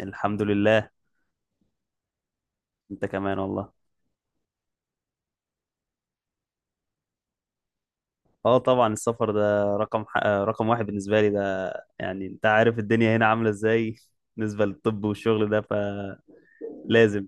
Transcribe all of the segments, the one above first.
الحمد لله. انت كمان والله. اه، طبعا السفر ده رقم ح... آه، رقم واحد بالنسبه لي ده، يعني انت عارف الدنيا هنا عامله ازاي بالنسبه للطب والشغل ده، فلازم.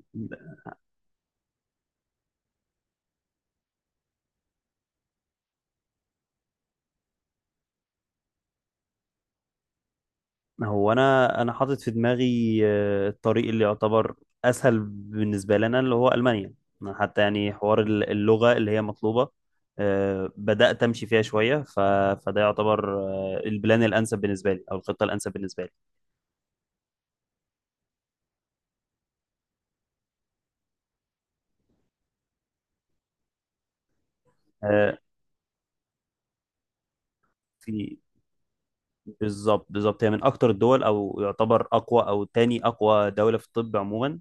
هو انا حاطط في دماغي الطريق اللي يعتبر اسهل بالنسبه لنا اللي هو المانيا. أنا حتى يعني حوار اللغه اللي هي مطلوبه، بدات امشي فيها شويه، فده يعتبر البلان الانسب بالنسبه لي او الخطه الانسب بالنسبه لي. آه، في. بالظبط بالظبط، هي من اكتر الدول، او يعتبر اقوى او تاني اقوى دولة في الطب عموما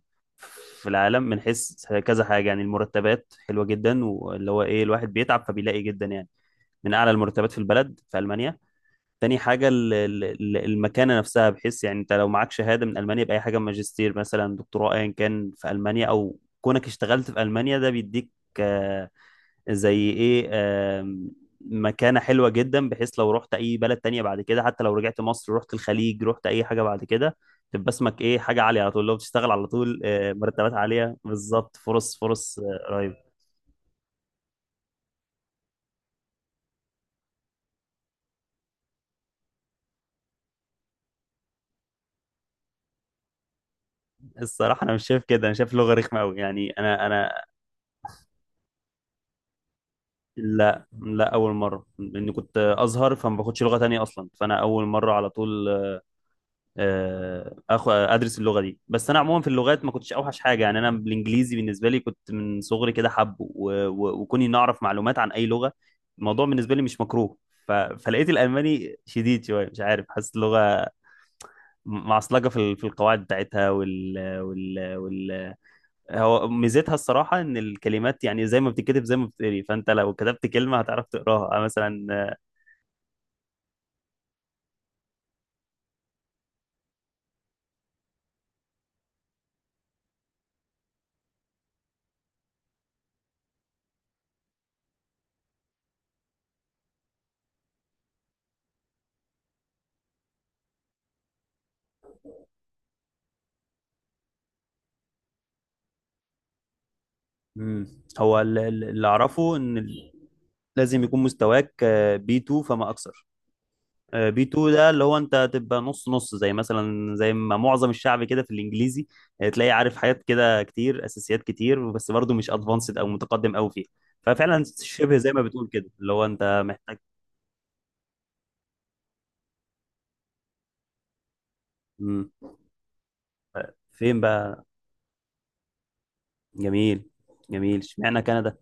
في العالم، من حيث كذا حاجة. يعني المرتبات حلوة جدا، واللي هو ايه الواحد بيتعب فبيلاقي جدا، يعني من اعلى المرتبات في البلد في المانيا. تاني حاجة المكانة نفسها، بحيث يعني انت لو معاك شهادة من المانيا بأي حاجة، ماجستير مثلا، دكتوراه، ايا كان في المانيا، او كونك اشتغلت في المانيا، ده بيديك زي ايه، مكانة حلوة جدا، بحيث لو رحت اي بلد تانية بعد كده، حتى لو رجعت مصر، رحت الخليج، رحت اي حاجة بعد كده، تبقى اسمك ايه، حاجة عالية على طول. لو بتشتغل على طول، مرتبات عالية بالظبط، فرص فرص رهيبة. الصراحة انا مش شايف كده، انا شايف لغة رخمة قوي، يعني انا. لا لا، اول مرة، لاني كنت ازهر فما باخدش لغة تانية اصلا، فانا اول مرة على طول آه، آه، اخ ادرس اللغه دي. بس انا عموما في اللغات ما كنتش اوحش حاجه. يعني انا بالانجليزي بالنسبه لي كنت من صغري كده حب، وكوني نعرف معلومات عن اي لغه، الموضوع بالنسبه لي مش مكروه. فلقيت الالماني شديد شويه، مش عارف، حاسس اللغه معصلجه في في القواعد بتاعتها وال وال وال هو ميزتها الصراحه ان الكلمات يعني زي ما بتتكتب زي ما بتتقري، فانت لو كتبت كلمه هتعرف تقراها. أنا مثلا. مم. هو اللي اعرفه ان لازم يكون مستواك بي 2 فما اكثر. بي 2 ده اللي هو انت تبقى نص نص، زي مثلا زي ما معظم الشعب كده في الانجليزي، تلاقي عارف حاجات كده كتير، اساسيات كتير، بس برضه مش ادفانسد او متقدم قوي فيها. ففعلا شبه زي ما بتقول كده، اللي هو انت محتاج. مم. فين بقى؟ جميل. جميل، اشمعنى كندا؟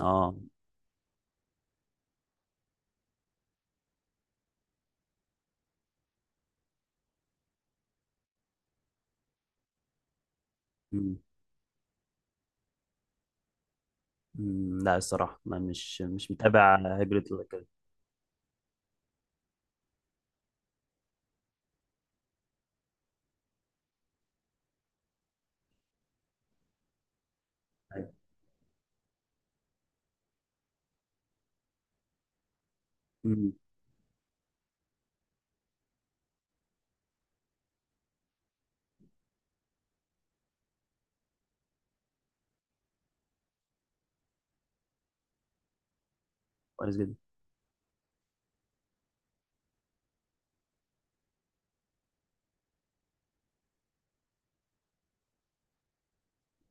اه. مم. مم. لا، الصراحه انا مش متابع هجرة ولا كده. أيوة. مم. كويس جدا.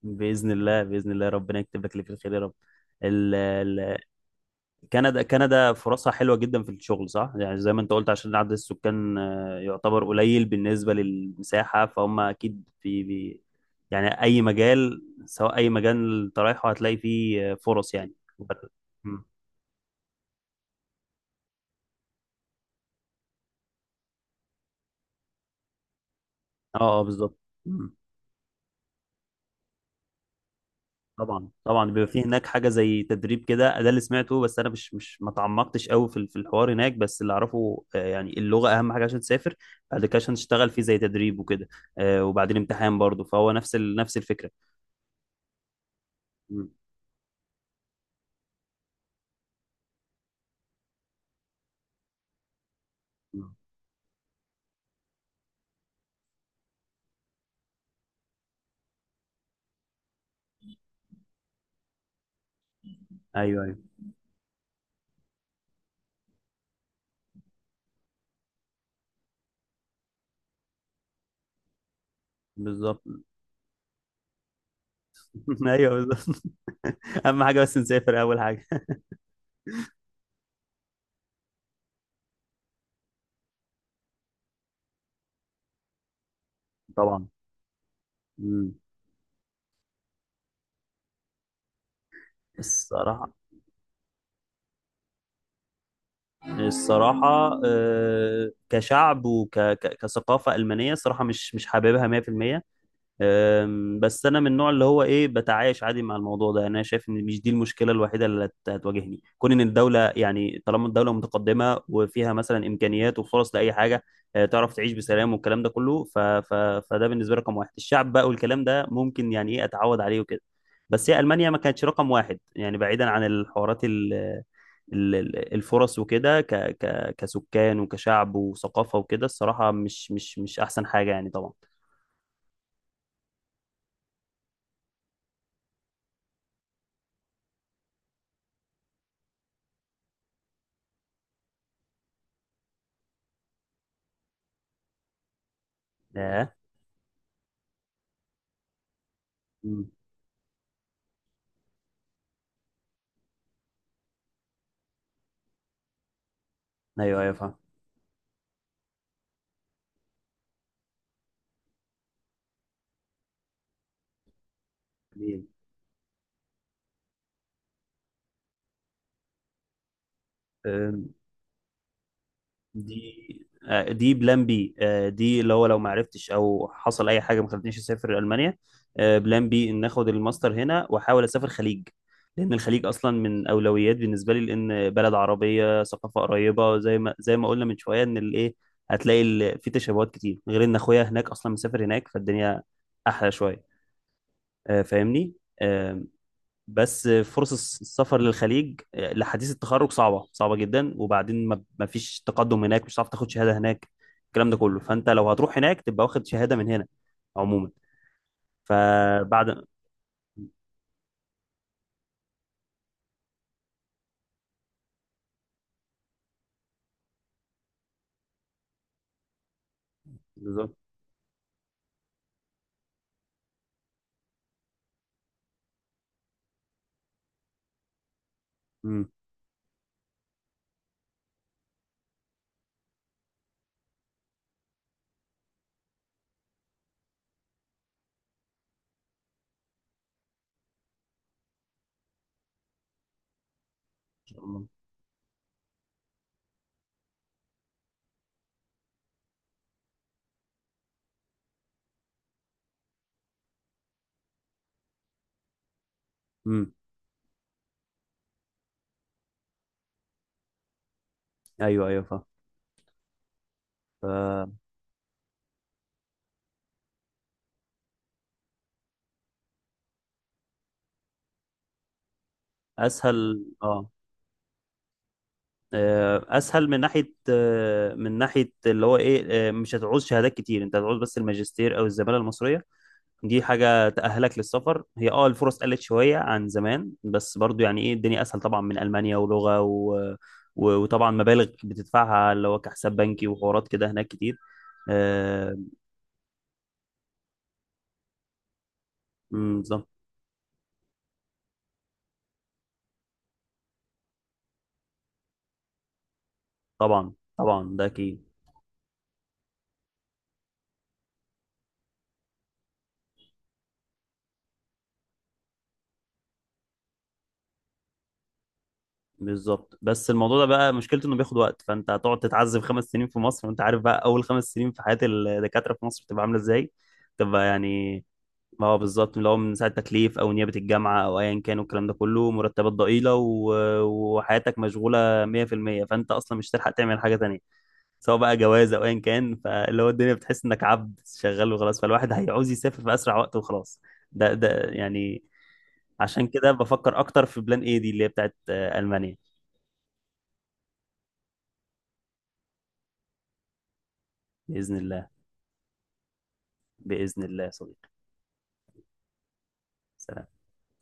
باذن الله، باذن الله، ربنا يكتب لك اللي في الخير يا رب. ال- ال- كندا كندا فرصها حلوة جدا في الشغل، صح؟ يعني زي ما انت قلت، عشان عدد السكان يعتبر قليل بالنسبة للمساحة، فهم أكيد في بي. يعني أي مجال، سواء أي مجال انت رايحه، هتلاقي فيه فرص يعني. مم. اه اه، بالظبط. مم. طبعا طبعا، بيبقى فيه هناك حاجة زي تدريب كده، ده اللي سمعته، بس أنا مش ما تعمقتش قوي في الحوار هناك، بس اللي أعرفه يعني اللغة أهم حاجة عشان تسافر، بعد كده عشان تشتغل فيه زي تدريب وكده، وبعدين امتحان برضه، فهو نفس الفكرة. ايوه ايوه، بالظبط. ايوه، بالظبط. اهم حاجه بس نسافر اول حاجه. طبعا. مم. الصراحه الصراحه، كشعب وكثقافه المانيه، الصراحه مش حاببها 100%. بس انا من النوع اللي هو ايه، بتعايش عادي مع الموضوع ده. يعني انا شايف ان مش دي المشكله الوحيده اللي هتواجهني، كون ان الدوله يعني، طالما الدوله متقدمه وفيها مثلا امكانيات وفرص لاي حاجه، تعرف تعيش بسلام والكلام ده كله، فده بالنسبه لي رقم واحد. الشعب بقى والكلام ده ممكن يعني ايه، اتعود عليه وكده. بس هي المانيا ما كانتش رقم واحد، يعني بعيدا عن الحوارات الفرص وكده، كسكان وكشعب وثقافه وكده، الصراحه مش احسن حاجه يعني، طبعا. آه. ايوه ايوه، فاهم. دي أم، دي دي بلان بي، دي اللي هو لو ما عرفتش او حصل اي حاجه ما خلتنيش اسافر المانيا. بلان بي ان اخد الماستر هنا واحاول اسافر خليج، لان الخليج اصلا من اولويات بالنسبه لي، لان بلد عربيه، ثقافه قريبه، زي ما قلنا من شويه ان الايه، هتلاقي في تشابهات كتير، غير ان اخويا هناك اصلا مسافر هناك، فالدنيا احلى شويه. فاهمني؟ بس فرص السفر للخليج لحديث التخرج صعبة صعبة جدا. وبعدين ما فيش تقدم هناك، مش هتعرف تاخد شهادة هناك الكلام ده كله. فأنت لو هتروح هناك تبقى واخد شهادة من هنا عموما، فبعد. بالظبط. ان شاء الله. امم ايوه ايوه، فاهم. فأسهل، اه، اسهل من ناحيه، من ناحيه اللي هو ايه، مش هتعوز شهادات كتير، انت هتعوز بس الماجستير او الزماله المصريه، دي حاجة تأهلك للسفر. هي اه، الفرص قلت شوية عن زمان، بس برضو يعني ايه، الدنيا أسهل طبعا من ألمانيا ولغة، وطبعا مبالغ بتدفعها اللي هو كحساب بنكي وحوارات كده هناك كتير. آه، أمم، بالظبط. طبعا طبعا، ده أكيد. بالظبط. بس الموضوع ده بقى مشكلته إنه بياخد وقت، فأنت هتقعد تتعذب 5 سنين في مصر، وأنت عارف بقى أول 5 سنين في حياة الدكاترة في مصر بتبقى عاملة إزاي. تبقى يعني، ما هو بالظبط، اللي هو من ساعة تكليف أو نيابة الجامعة أو أيا كان، والكلام ده كله مرتبات ضئيلة، وحياتك مشغولة 100%. فأنت أصلا مش هتلحق تعمل حاجة تانية، سواء بقى جواز أو أيا كان، فاللي هو الدنيا بتحس إنك عبد شغال وخلاص، فالواحد هيعوز يسافر في أسرع وقت وخلاص. ده يعني، عشان كده بفكر أكتر في بلان إيه، دي اللي هي بتاعت ألمانيا. بإذن الله، بإذن الله يا صديقي. سلام.